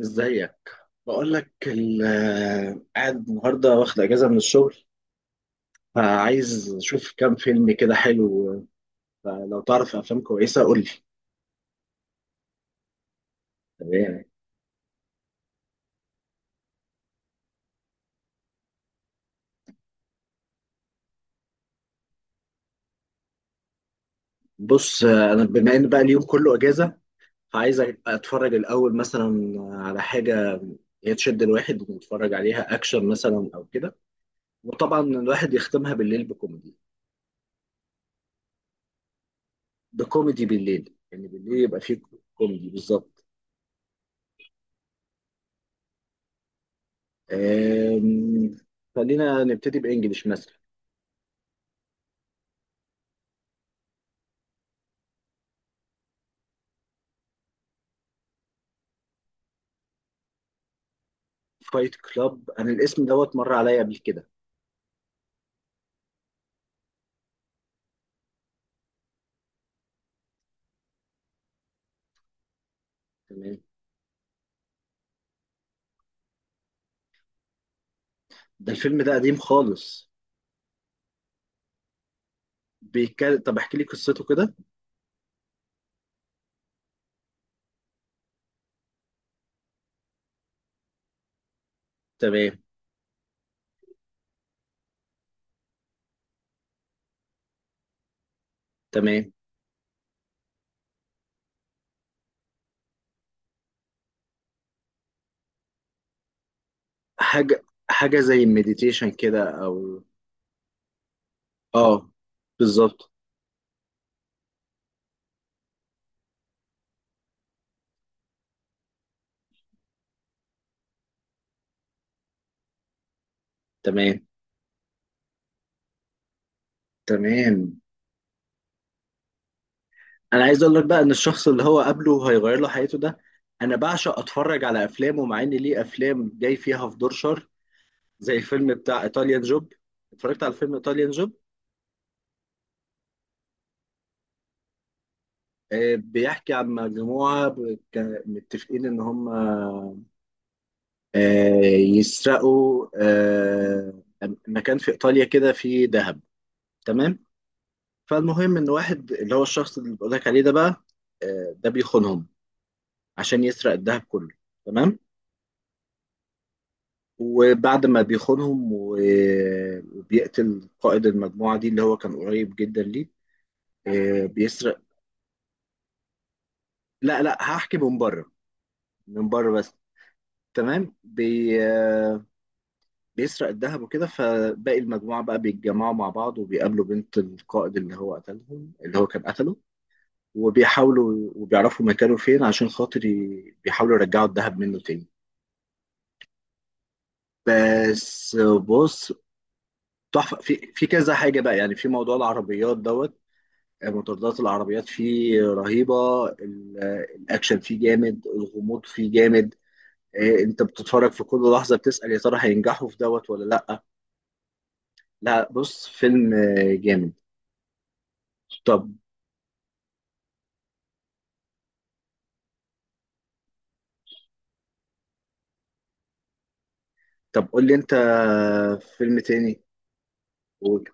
ازيك. بقول لك قاعد النهارده واخد اجازه من الشغل، فعايز اشوف كام فيلم كده حلو. فلو تعرف افلام كويسه قول لي. تمام. بص انا بما ان بقى اليوم كله اجازه، فعايز اتفرج الاول مثلا على حاجه هي تشد الواحد، ونتفرج عليها اكشن مثلا او كده. وطبعا الواحد يختمها بالليل بكوميدي. بكوميدي بالليل، يعني بالليل يبقى فيه كوميدي بالظبط. أم، خلينا نبتدي بانجلش مثلا. فايت كلاب، انا الاسم دوت مر عليا قبل كده. تمام. ده الفيلم ده قديم خالص، بيتكلم؟ طب احكي لي قصته كده. تمام. تمام. حاجه حاجه زي المديتيشن كده، او اه بالظبط. تمام. تمام. انا عايز اقول لك بقى ان الشخص اللي هو قابله هيغير له حياته ده، انا بعشق اتفرج على افلامه، مع ان ليه افلام جاي فيها في دور شر، زي الفيلم بتاع ايطاليان جوب. اتفرجت على فيلم ايطاليان جوب. بيحكي عن مجموعة كان متفقين إن هم آه، يسرقوا مكان في إيطاليا كده فيه ذهب. تمام. فالمهم إن واحد اللي هو الشخص اللي بقول لك عليه ده بقى، ده بيخونهم عشان يسرق الذهب كله. تمام. وبعد ما بيخونهم وبيقتل قائد المجموعة دي اللي هو كان قريب جدا ليه، بيسرق. لا لا، هحكي من بره. من بره بس. تمام بي آه، بيسرق الذهب وكده. فباقي المجموعة بقى بيتجمعوا مع بعض، وبيقابلوا بنت القائد اللي هو قتلهم اللي هو كان قتله، وبيحاولوا وبيعرفوا مكانه فين، عشان خاطر بيحاولوا يرجعوا الذهب منه تاني. بس بص، تحفة في كذا حاجة بقى، يعني في موضوع العربيات دوت، مطاردات العربيات فيه رهيبة، الأكشن فيه جامد، الغموض فيه جامد. إيه، انت بتتفرج في كل لحظة، بتسأل يا ترى هينجحوا في دوت ولا لأ. لا بص، فيلم جامد. طب. طب قول لي انت، فيلم تاني. قول.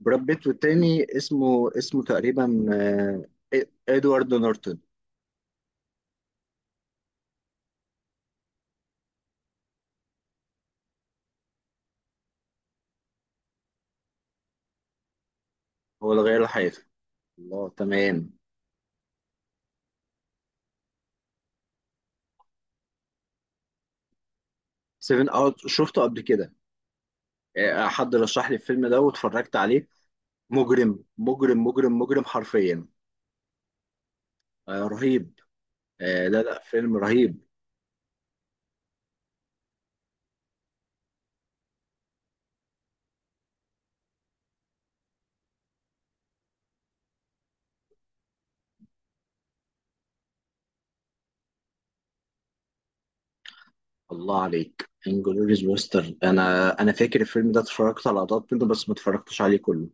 براد بيت، والتاني اسمه تقريبا ادوارد نورتون. هو اللي غير حياته. الله، تمام. سيفن اوت شفته قبل كده. حد رشح لي الفيلم ده واتفرجت عليه. مجرم مجرم مجرم مجرم حرفيا. رهيب. لا لا، فيلم رهيب. الله عليك، انجلوريز بوستر، انا فاكر الفيلم ده، اتفرجت على لقطات منه بس ما اتفرجتش عليه كله.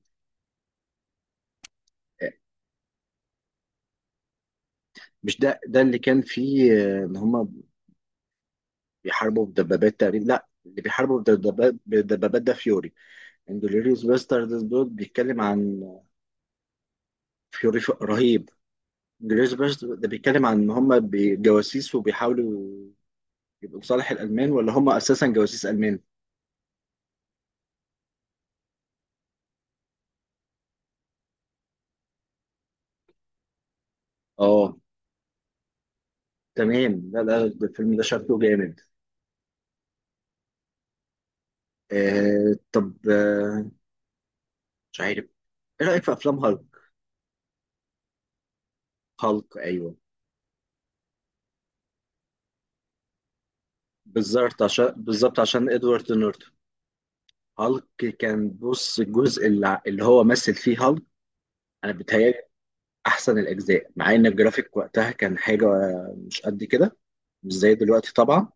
آه، مش ده ده اللي كان فيه ان هما بيحاربوا بدبابات تقريبا؟ لا، اللي بيحاربوا بدبابات بدبابات ده فيوري. انجلوريوس باسترد دول بيتكلم عن فيوري. رهيب. انجلوريوس باسترد ده بيتكلم عن ان هم جواسيس، وبيحاولوا يبقوا لصالح الالمان، ولا هم اساسا جواسيس المان. اه تمام. لا لا، ده الفيلم ده شكله جامد. طب آه، مش عارف. ايه رايك في افلام هالك؟ هالك، ايوه. بالظبط، عشان ادوارد نورتون. هالك، كان بص الجزء اللي هو مثل فيه هالك، انا بتهيألي احسن الاجزاء، مع ان الجرافيك وقتها كان حاجه مش قد كده، مش زي دلوقتي طبعا.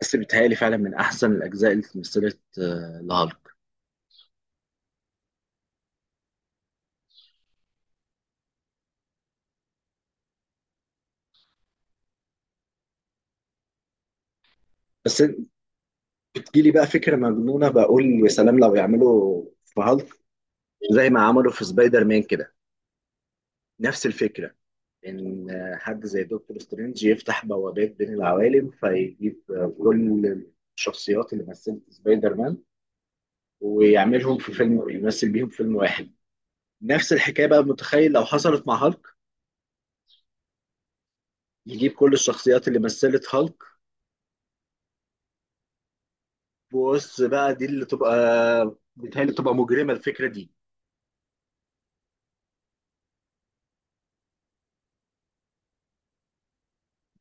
بس بيتهيألي فعلا من احسن الاجزاء اللي اتمثلت لهالك. بس بتجيلي بقى فكره مجنونه، بقول يا سلام لو يعملوا في هالك زي ما عملوا في سبايدر مان كده. نفس الفكره، ان حد زي دكتور سترينج يفتح بوابات بين العوالم فيجيب كل الشخصيات اللي مثلت سبايدر مان، ويعملهم في فيلم، يمثل بيهم فيلم واحد. نفس الحكايه بقى، متخيل لو حصلت مع هالك، يجيب كل الشخصيات اللي مثلت هالك. بص بقى، دي اللي تبقى بيتهيألي تبقى مجرمة الفكرة دي.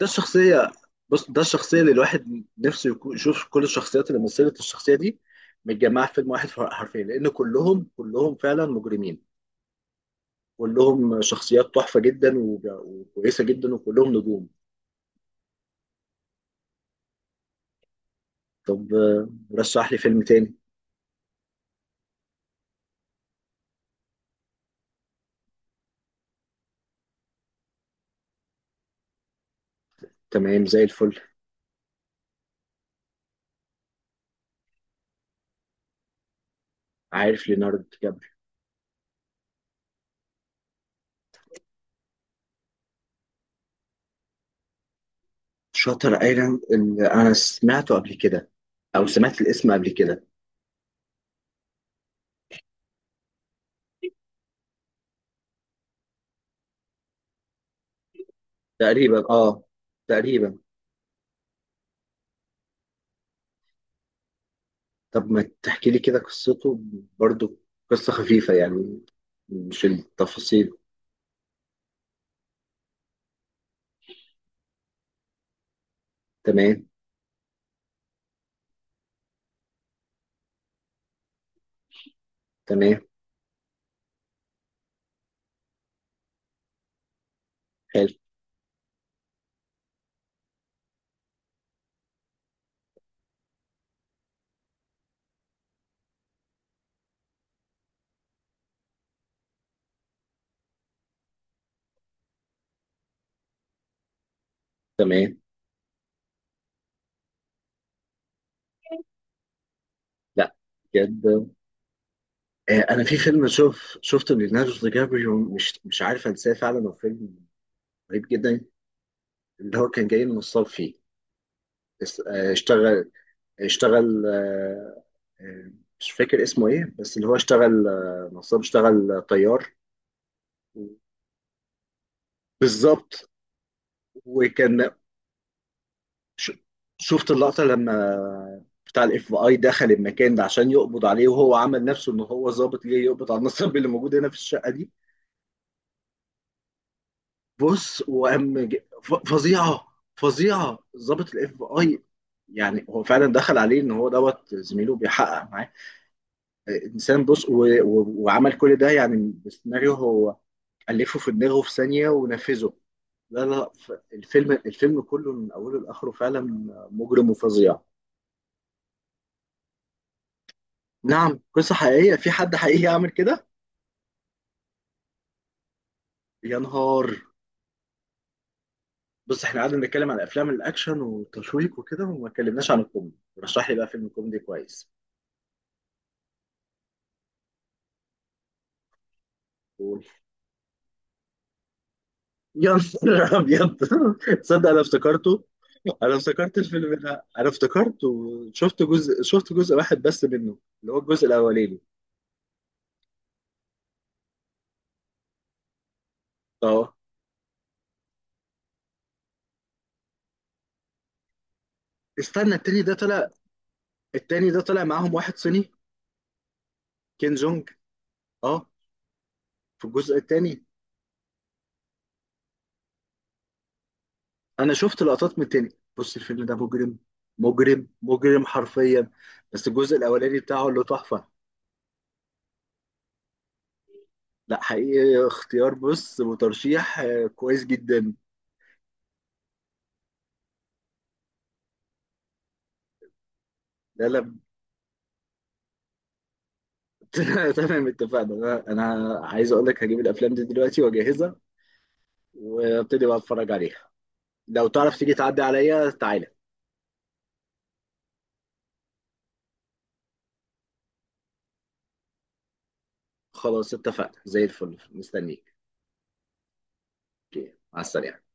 ده الشخصية، بص ده الشخصية اللي الواحد نفسه يشوف كل الشخصيات اللي مثلت الشخصية دي متجمعة في فيلم واحد حرفيا، لأن كلهم كلهم فعلا مجرمين، كلهم شخصيات تحفة جدا وكويسة جدا، وكلهم نجوم. طب رشح لي فيلم تاني. تمام، زي الفل. عارف ليوناردو دي كابريو؟ شاتر ايلاند؟ اللي انا سمعته قبل كده، او سمعت الاسم قبل كده. تقريبا، اه، تقريبا. طب ما تحكي لي كده قصته برضو، قصة خفيفة يعني، مش التفاصيل. تمام. تمام. حلو. تمام. لا بجد. آه، انا في فيلم شوف شفته ليوناردو دي كابريو مش عارف انساه، فعلا هو فيلم غريب جدا. اللي هو كان جاي من الصال فيه، اس- آه، اشتغل اشتغل آه، آه، مش فاكر اسمه ايه، بس اللي هو اشتغل نصاب، اشتغل طيار. بالظبط وكان ش- شفت اللقطة لما بتاع الFBI دخل المكان ده عشان يقبض عليه، وهو عمل نفسه ان هو ظابط جاي يقبض على النصاب اللي موجود هنا في الشقة دي. بص، وقام فظيعة، فظيعة ظابط الFBI، يعني هو فعلا دخل عليه ان هو دوت زميله بيحقق معاه. انسان، بص، وعمل كل ده يعني بسيناريو هو ألفه في دماغه في ثانية ونفذه. لا لا، الفيلم كله من أوله لآخره فعلا مجرم وفظيع. نعم، قصة حقيقية، في حد حقيقي يعمل كده؟ يا نهار. بص احنا قعدنا نتكلم عن افلام الاكشن والتشويق وكده، وما اتكلمناش عن الكوميدي. رشح لي بقى فيلم كوميدي كويس. قول. يا نهار ابيض. تصدق انا افتكرته، انا افتكرت الفيلم ده، انا افتكرته. شفت جزء واحد بس منه، اللي هو الجزء الاولاني. اه. استنى، التاني ده طلع. التاني ده طلع معاهم واحد صيني، كين جونج. اه، في الجزء التاني انا شفت لقطات من التاني. بص الفيلم ده مجرم مجرم مجرم حرفيا، بس الجزء الاولاني بتاعه اللي تحفه. لا حقيقي، اختيار بص وترشيح كويس جدا. لا لا. تمام، اتفقنا. انا عايز اقول لك هجيب الافلام دي دلوقتي واجهزها، وابتدي بقى اتفرج عليها. لو تعرف تيجي تعدي عليا، تعالى. خلاص اتفقنا، زي الفل، مستنيك. اوكي، مع السلامه.